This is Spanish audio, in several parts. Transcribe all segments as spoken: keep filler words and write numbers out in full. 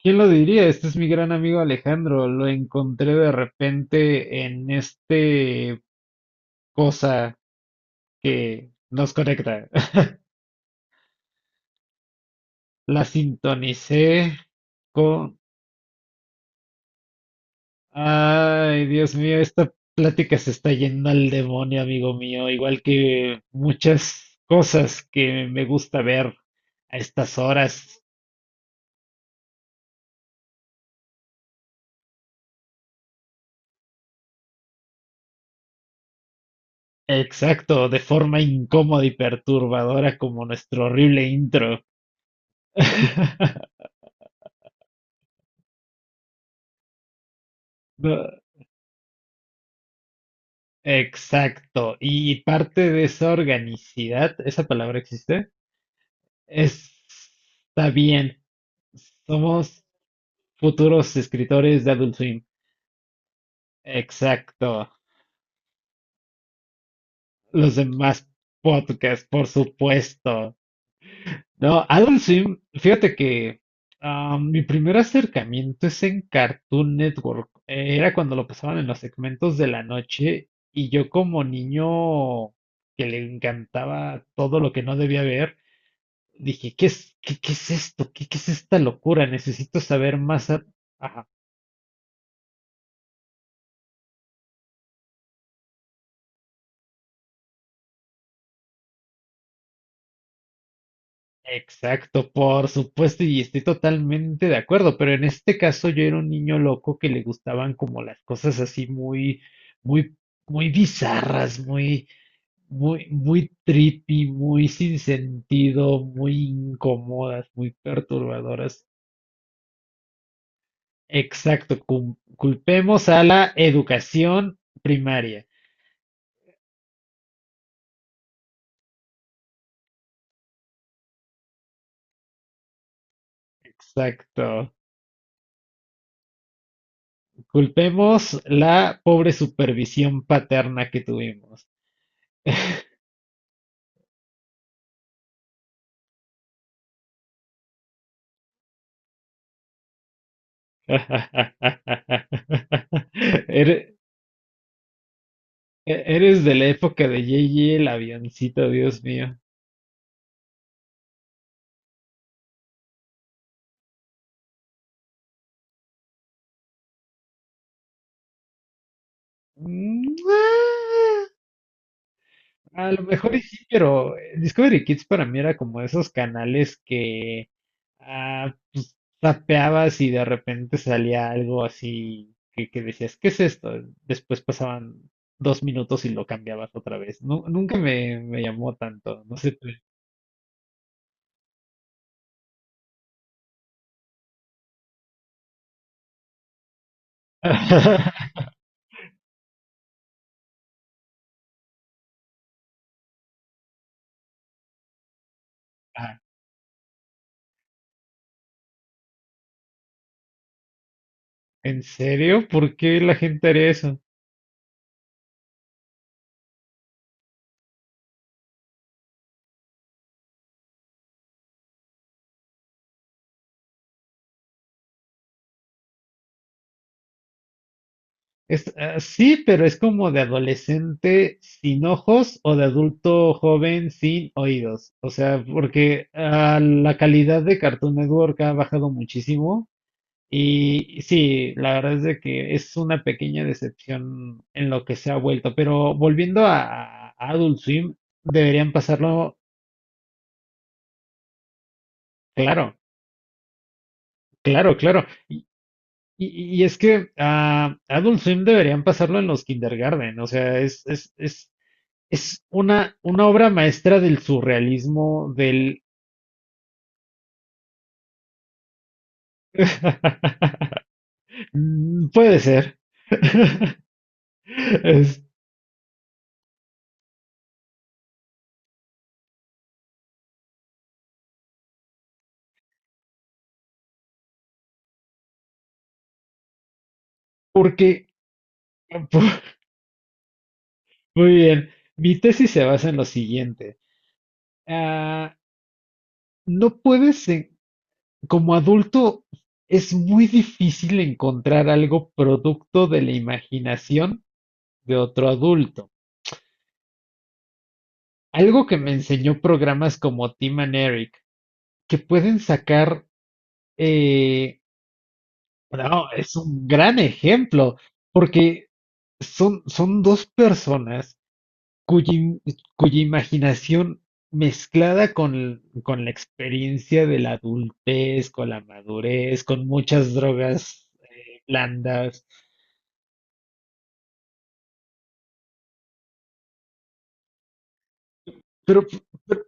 ¿Quién lo diría? Este es mi gran amigo Alejandro. Lo encontré de repente en este cosa que nos conecta. La sintonicé con... Ay, Dios mío, esta plática se está yendo al demonio, amigo mío. Igual que muchas cosas que me gusta ver a estas horas. Exacto, de forma incómoda y perturbadora como nuestro horrible intro. No. Exacto. Y parte de esa organicidad, ¿esa palabra existe? Es- Está bien. Somos futuros escritores de Adult Swim. Exacto. Los demás podcasts, por supuesto. No, Adult Swim, fíjate que ah, mi primer acercamiento es en Cartoon Network. Eh, Era cuando lo pasaban en los segmentos de la noche y yo como niño que le encantaba todo lo que no debía ver. Dije, ¿qué es, qué, qué es esto? ¿Qué, qué es esta locura? Necesito saber más. a- Ajá, exacto, por supuesto, y estoy totalmente de acuerdo, pero en este caso yo era un niño loco que le gustaban como las cosas así muy, muy, muy bizarras, muy, muy, muy trippy, muy sin sentido, muy incómodas, muy perturbadoras. Exacto, cul- culpemos a la educación primaria. Exacto. Culpemos la pobre supervisión paterna que tuvimos. Ere- e- Eres de la época de J J el avioncito, Dios mío. A lo mejor y sí, pero eh, Discovery Kids para mí era como esos canales que ah, pues, tapeabas y de repente salía algo así que, que decías, ¿qué es esto? Después pasaban dos minutos y lo cambiabas otra vez. Nu- nunca me, me llamó tanto, no sé. Tú. Ah, ¿En serio? ¿Por qué la gente haría eso? Es, ah, sí, pero es como de adolescente sin ojos o de adulto joven sin oídos. O sea, porque ah, la calidad de Cartoon Network ha bajado muchísimo. Y sí, la verdad es de que es una pequeña decepción en lo que se ha vuelto. Pero volviendo a, a Adult Swim, deberían pasarlo, claro, claro, claro. Y, y- y es que a Adult Swim deberían pasarlo en los kindergarten. O sea, es, es, es Es una, una obra maestra del surrealismo, del... Mm, puede ser. Es porque, muy bien, mi tesis se basa en lo siguiente. Ah, no puedes, en- como adulto, es muy difícil encontrar algo producto de la imaginación de otro adulto. Algo que me enseñó programas como Tim and Eric, que pueden sacar eh, No, es un gran ejemplo, porque son, son dos personas cuya, im- cuya imaginación mezclada con, con la experiencia de la adultez, con la madurez, con muchas drogas eh, blandas, Pero, pero,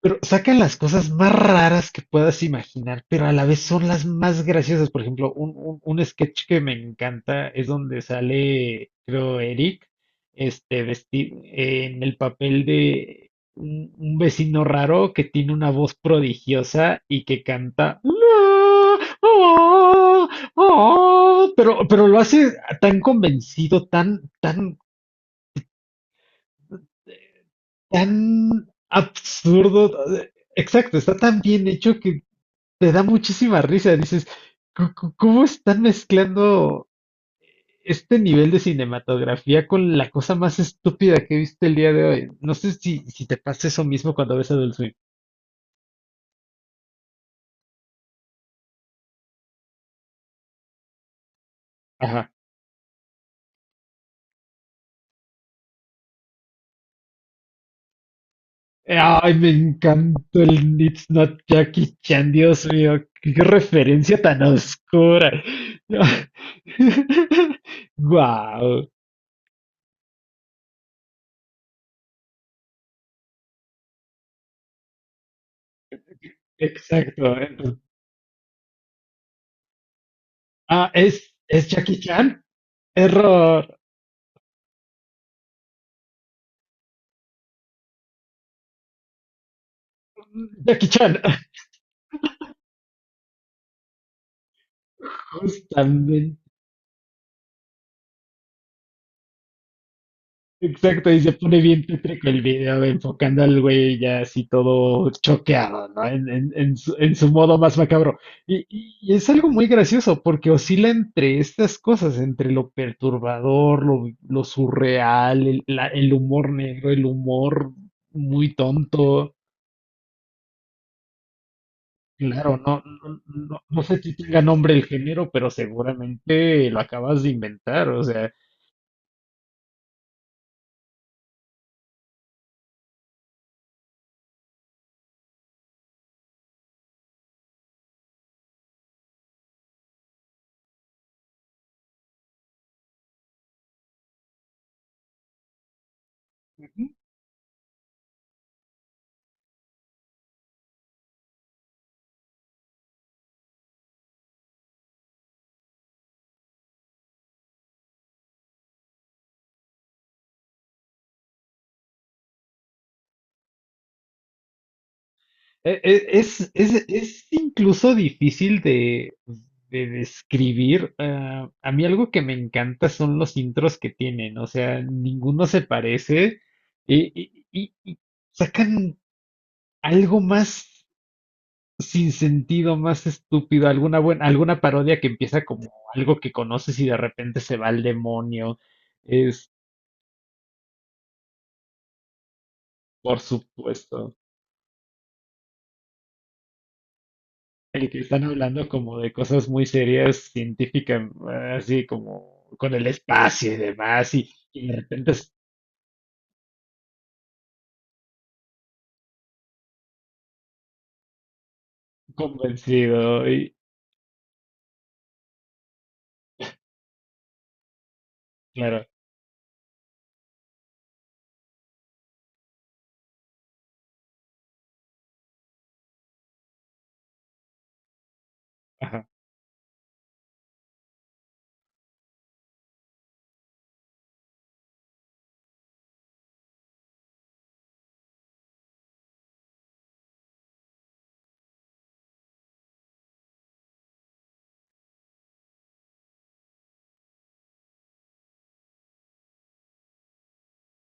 pero sacan las cosas más raras que puedas imaginar, pero a la vez son las más graciosas. Por ejemplo, un, un- un sketch que me encanta es donde sale, creo, Eric, este, vestido en el papel de un, un vecino raro que tiene una voz prodigiosa y que canta. "Ah, ah, ah", pero, pero lo hace tan convencido, tan, tan tan absurdo. eh, Exacto, está tan bien hecho que te da muchísima risa. Dices, "¿Cu- cu- ¿cómo están mezclando este nivel de cinematografía con la cosa más estúpida que he visto el día de hoy? No sé si, si te pasa eso mismo cuando ves Adult Swim. Ajá. Ay, me encantó el It's Not Jackie Chan, Dios mío, qué referencia tan oscura. Wow, exacto. eh, Ah, es, es Jackie Chan. Error. Jackie Chan. Justamente. Exacto, y se pone bien tétrico el video, enfocando al güey ya así todo choqueado, ¿no? En, en- en su, en su modo más macabro. Y, y- y es algo muy gracioso, porque oscila entre estas cosas, entre lo perturbador, lo, lo surreal, el, la- el humor negro, el humor muy tonto. Claro, no, no, no, no sé si tenga nombre el género, pero seguramente lo acabas de inventar. O sea, Ujú. e- e- es, es, es incluso difícil de, de describir. Ah, a mí algo que me encanta son los intros que tienen. O sea, ninguno se parece y, y- y- y sacan algo más sin sentido, más estúpido, alguna buena, alguna parodia que empieza como algo que conoces y de repente se va al demonio. Por supuesto. El que están hablando como de cosas muy serias, científicas, así como con el espacio y demás, y, y de repente es convencido. Y claro, ajá.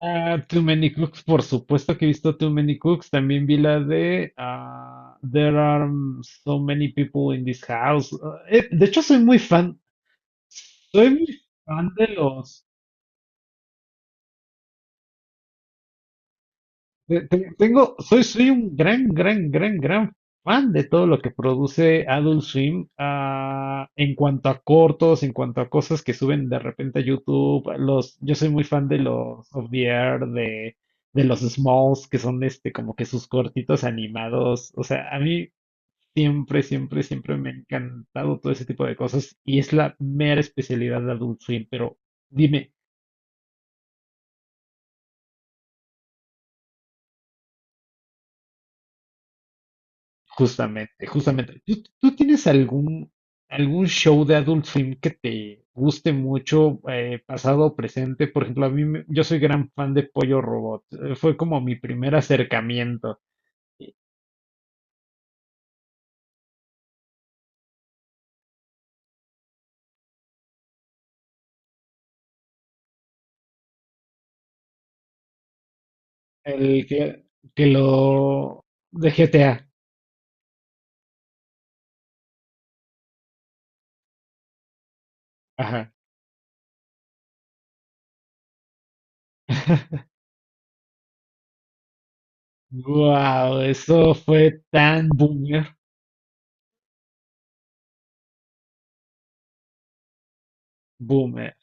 Ah, Too Many Cooks, por supuesto que he visto Too Many Cooks. También vi la de ah, There are so many people in this house. Ah, eh, de hecho, soy muy fan, soy muy fan de los Te- te- Tengo, soy, soy un gran, gran, gran, gran fan de todo lo que produce Adult Swim, ah, en cuanto a cortos, en cuanto a cosas que suben de repente a YouTube. Los, yo soy muy fan de los Of the Air, de, de los Smalls, que son este, como que sus cortitos animados. O sea, a mí siempre, siempre, siempre me ha encantado todo ese tipo de cosas y es la mera especialidad de Adult Swim. Pero dime, justamente, justamente. ¿Tú, tú tienes algún, algún show de Adult Swim que te guste mucho, eh, pasado o presente? Por ejemplo, a mí, me- yo soy gran fan de Pollo Robot. Eh, Fue como mi primer acercamiento. El que, que lo... de G T A. Ajá. Wow, eso fue tan boomer, boomer.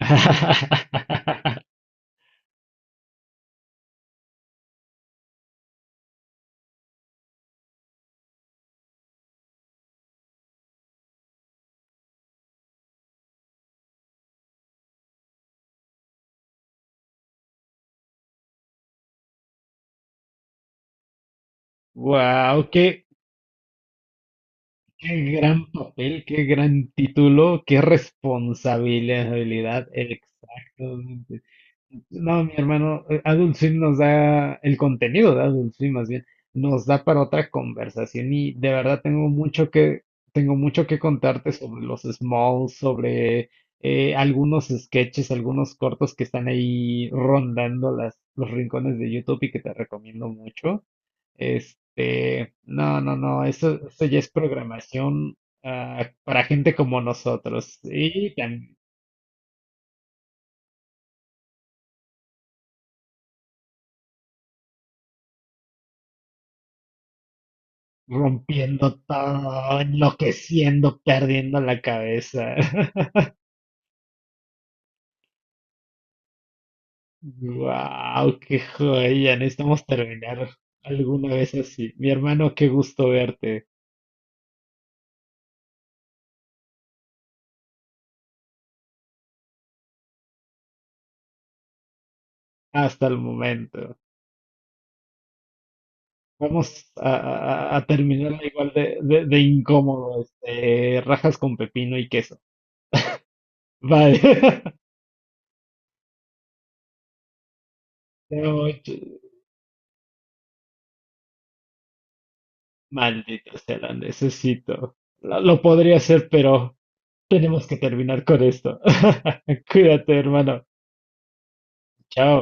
Wow, qué, qué gran papel, qué gran título, qué responsabilidad, exactamente. No, mi hermano, eh, Adult Swim nos da el contenido de Adult Swim, más bien, nos da para otra conversación y de verdad tengo mucho que tengo mucho que contarte sobre los Smalls, sobre eh, algunos sketches, algunos cortos que están ahí rondando las, los rincones de YouTube y que te recomiendo mucho. Este, no, no, no, eso, eso ya es programación ah, para gente como nosotros. Y tan- rompiendo todo, enloqueciendo, perdiendo la cabeza. Wow, qué joya, necesitamos terminar alguna vez así. Mi hermano, qué gusto verte hasta el momento. Vamos a, a- a- a terminar igual de, de, de incómodo, este, rajas con pepino y queso. Vale. Chao, maldito, sea, la necesito. Lo, lo podría hacer, pero tenemos que terminar con esto. Cuídate, hermano. Chao.